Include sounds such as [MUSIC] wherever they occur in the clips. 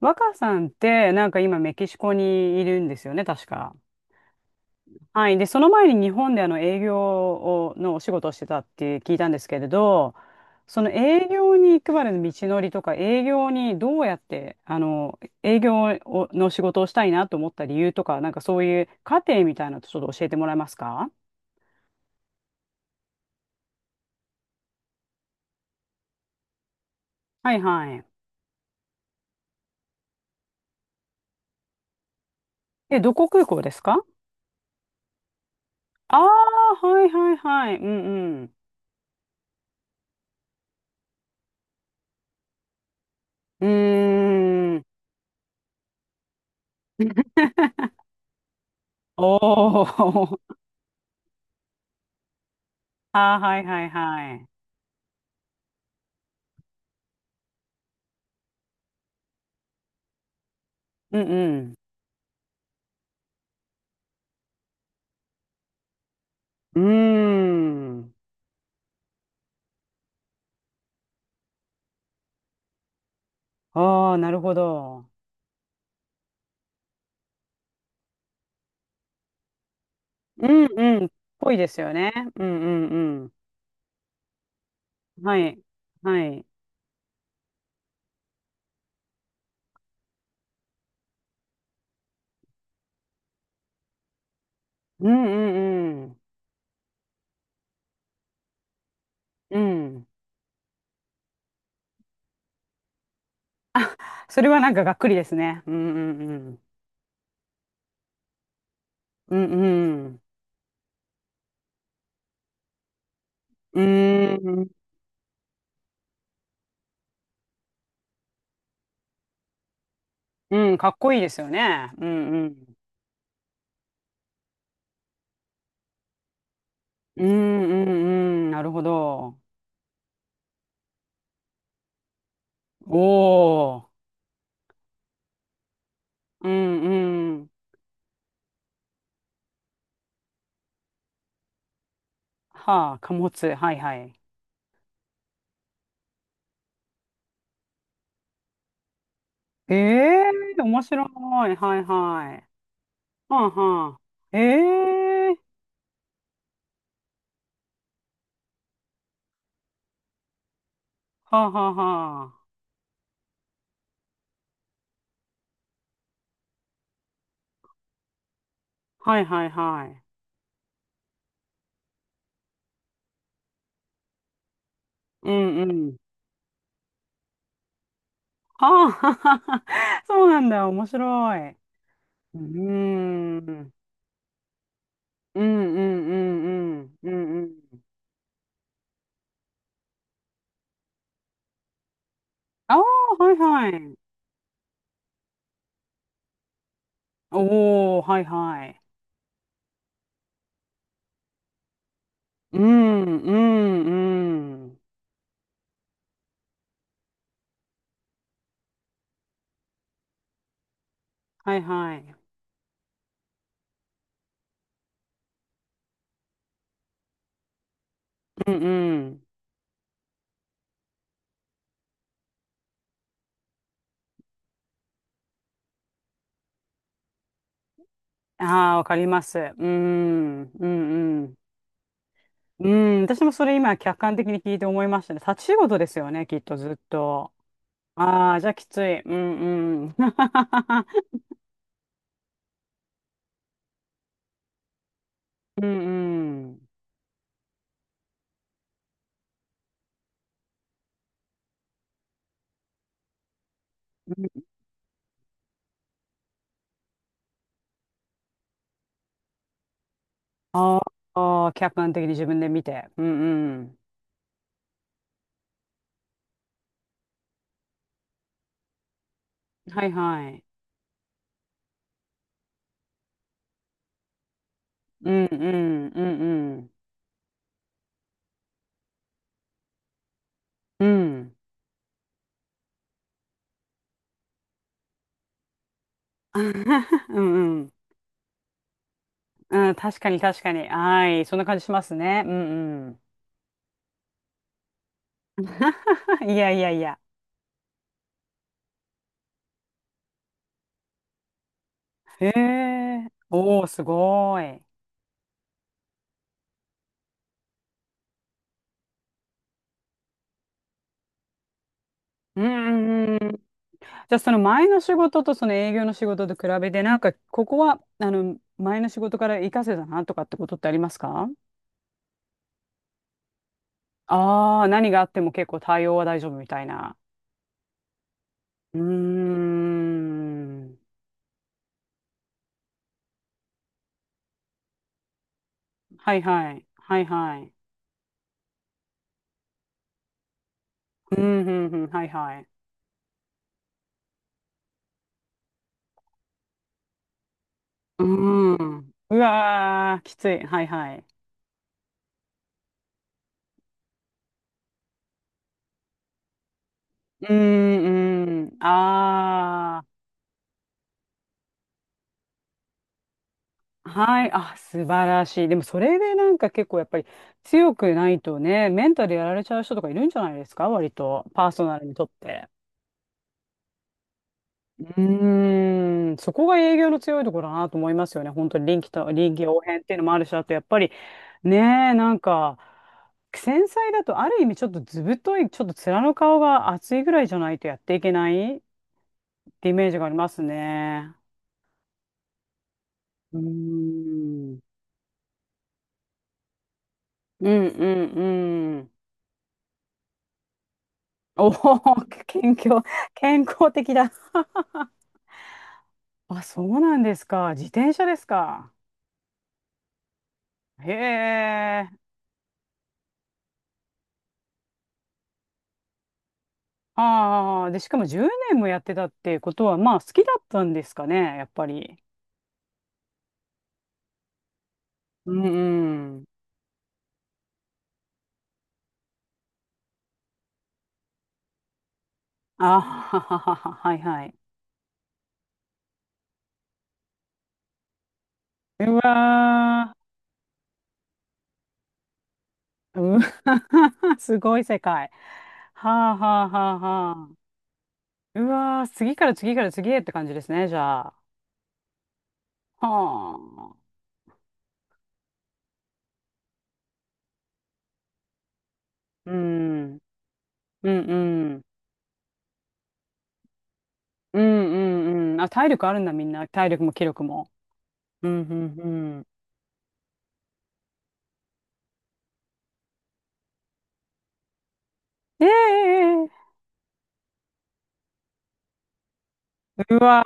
若さんって、なんか今メキシコにいるんですよね、確か。はい。で、その前に日本で営業をのお仕事をしてたって聞いたんですけれど、その営業に行くまでの道のりとか、営業にどうやって、営業をの仕事をしたいなと思った理由とか、なんかそういう過程みたいなのちょっと教えてもらえますか？はいはい。え、どこ空港ですか？ああー、はいはいはい。うんうん。うーん。[LAUGHS] おー。ああ、はいはいはい。うんうん。うーん。ああ、なるほど。うんうん。ぽいですよね。うんうんうん。はい。はい。うんうんうん。うん。それはなんかがっくりですね。うんうんうん。うんうん。うーん。うん、かっこいいですよね。うんうん。うんうんうん。なるほど。おー。うんうん。はあ、貨物。はいはい。ええー、面白い。はいはい。はあはあ。ええー。はあはあはあ。はいはいはい。うんうん。はあははは。そうなんだ。面白い。うーん。うんうんうんうん。うんうん。ああ、はいはい。おお、はいはい。うんうんうん。はいはい。うんうん。ああ、わかります。うん、うん、うん。うん、私もそれ今客観的に聞いて思いましたね。立ち仕事ですよね、きっとずっと。ああ、じゃあきつい。うんうん。[LAUGHS] うんうん。ああ、客観的に自分で見て。うんうん。はいはい。うんうんうんうん。うん。[LAUGHS] うんうん。うん、確かに確かに。はい。そんな感じしますね。うんうん。[LAUGHS] いやいやいや。へえ。おお、すごい。うんうんうん。じゃあその前の仕事とその営業の仕事と比べて、なんかここは、前の仕事から活かせたなとかってことってありますか？ああー、何があっても結構対応は大丈夫みたいな。うーん。はいはい。はいはい。うん、うん、うん、はいはい。うーん。うわー、きつい。はいはい。うーん、うーん。ああ。はい、あ、素晴らしい。でもそれでなんか結構やっぱり強くないとね、メンタルやられちゃう人とかいるんじゃないですか、割と、パーソナルにとって。うーん、そこが営業の強いところだなと思いますよね。本当に臨機応変っていうのもあるし、あとやっぱりねえ、なんか、繊細だとある意味ちょっとずぶとい、ちょっと面の顔が厚いぐらいじゃないとやっていけないってイメージがありますね。うーん、うんうんうん。おお、[LAUGHS] 健康、健康的だ。[LAUGHS] あ、そうなんですか。自転車ですか。へえ。ああ、で、しかも10年もやってたってことは、まあ、好きだったんですかね、やっぱり。うんうん。あはははは、はいはい。うわー、うわー、[LAUGHS] すごい世界。はあはあはあはあ。うわー、次から次へって感じですね、じゃあ。はあ。うん、うんうん。うんうんうん。あ、体力あるんだ、みんな。体力も気力も。うんうんうん。ええ。うわ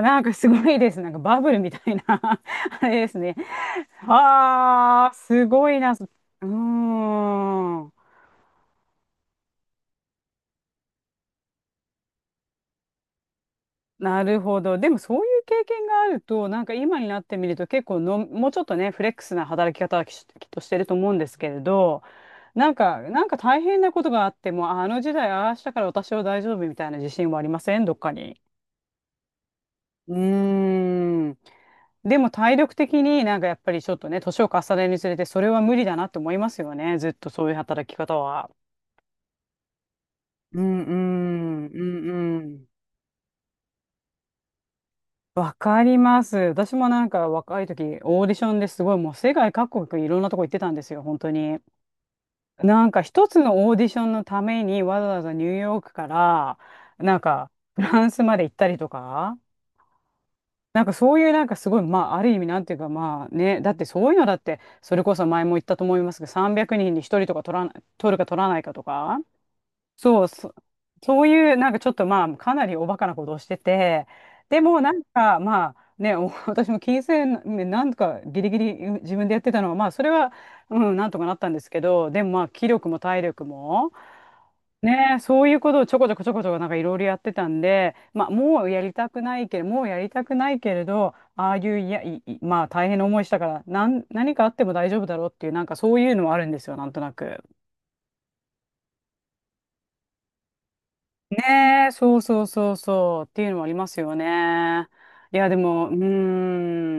ー、なんかすごいです。なんかバブルみたいな [LAUGHS] あれですね。あー、すごいな。うーん。なるほど。でもそういう経験があると、なんか今になってみると結構の、もうちょっとね、フレックスな働き方はきっとしてると思うんですけれど、なんか大変なことがあっても、あの時代ああしたから私は大丈夫みたいな自信はありませんどっかに。うーん。でも体力的になんかやっぱりちょっとね、年を重ねるにつれてそれは無理だなって思いますよね。ずっとそういう働き方は。うんうんうんうん。わかります。私もなんか若い時オーディションですごいもう世界各国いろんなとこ行ってたんですよ、本当に。なんか一つのオーディションのためにわざわざニューヨークからなんかフランスまで行ったりとか。なんかそういうなんかすごい、まあある意味なんていうかまあね、だってそういうのだって、それこそ前も言ったと思いますけど、300人に1人とりとか取らな、取るか取らないかとか、そう、そ、そういうなんかちょっとまあかなりおバカなことをしてて、でもなんかまあね、お [LAUGHS] 私も金銭面なんとかギリギリ自分でやってたのは、まあそれは、うん、なんとかなったんですけど、でもまあ気力も体力も、ねえ、そういうことをちょこちょこちょこちょこなんかいろいろやってたんで、まあ、もうやりたくないけれど、ああいういや、い、いまあ大変な思いしたから、何かあっても大丈夫だろうっていう、なんかそういうのもあるんですよ、なんとなく。ねえ、そうそうそうそうっていうのもありますよね。いや、でも、うー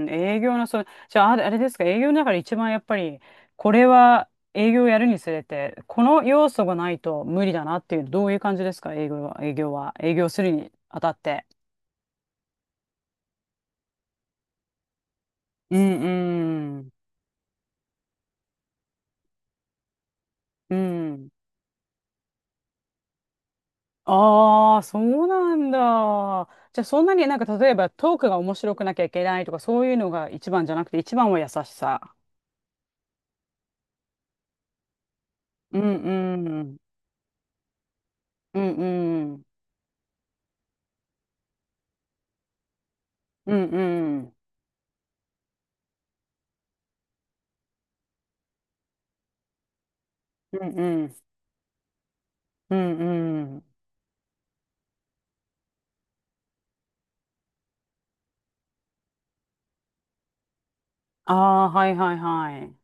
ん、営業の、その、じゃあ、あれあれですか、営業の中で一番やっぱり、これは営業をやるにつれて、この要素がないと無理だなっていう、どういう感じですか、営業するにあたって。うんうんうん。ああ、そうなんだ。じゃあ、そんなになんか、例えばトークが面白くなきゃいけないとか、そういうのが一番じゃなくて、一番は優しさ。うんうん。うんうんうんうんうんうんうんうん。ああ、はいはいはい。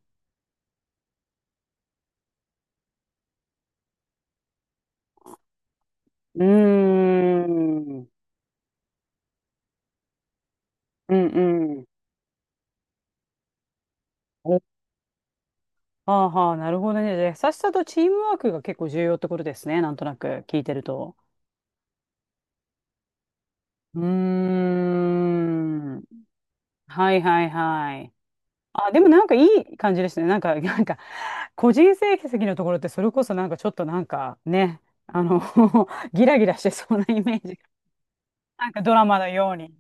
うーん。うんうん。おはあはあ、なるほどね。じゃあ優しさとチームワークが結構重要ってことですね、なんとなく聞いてると。うーん。はいはいはい。あ、でもなんかいい感じですね、なんか [LAUGHS] なんか個人成績のところってそれこそなんかちょっとなんかね、あの [LAUGHS] ギラギラしてそうなイメージが、なんかドラマのように。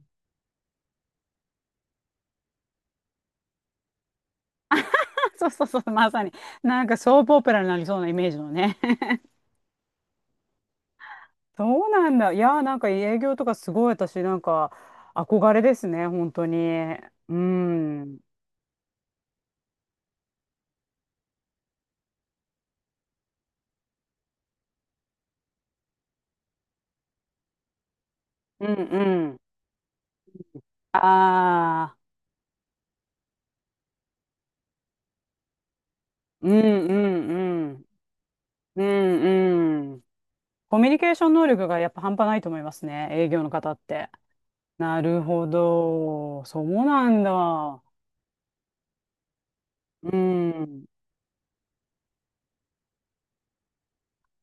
[LAUGHS] そうそうそう、まさに。なんかソープオペラになりそうなイメージのね。[LAUGHS] そうなんだ。いやー、なんか営業とかすごい私、なんか憧れですね、本当に。うん。うんうん。ああ、うんうんうん。うんうん。コミュニケーション能力がやっぱ半端ないと思いますね、営業の方って。なるほど。そうなんだ。うん。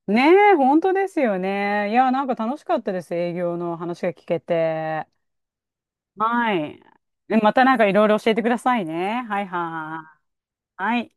ねえ、本当ですよね。いやー、なんか楽しかったです、営業の話が聞けて。はい。でまたなんかいろいろ教えてくださいね。はいはい。はい。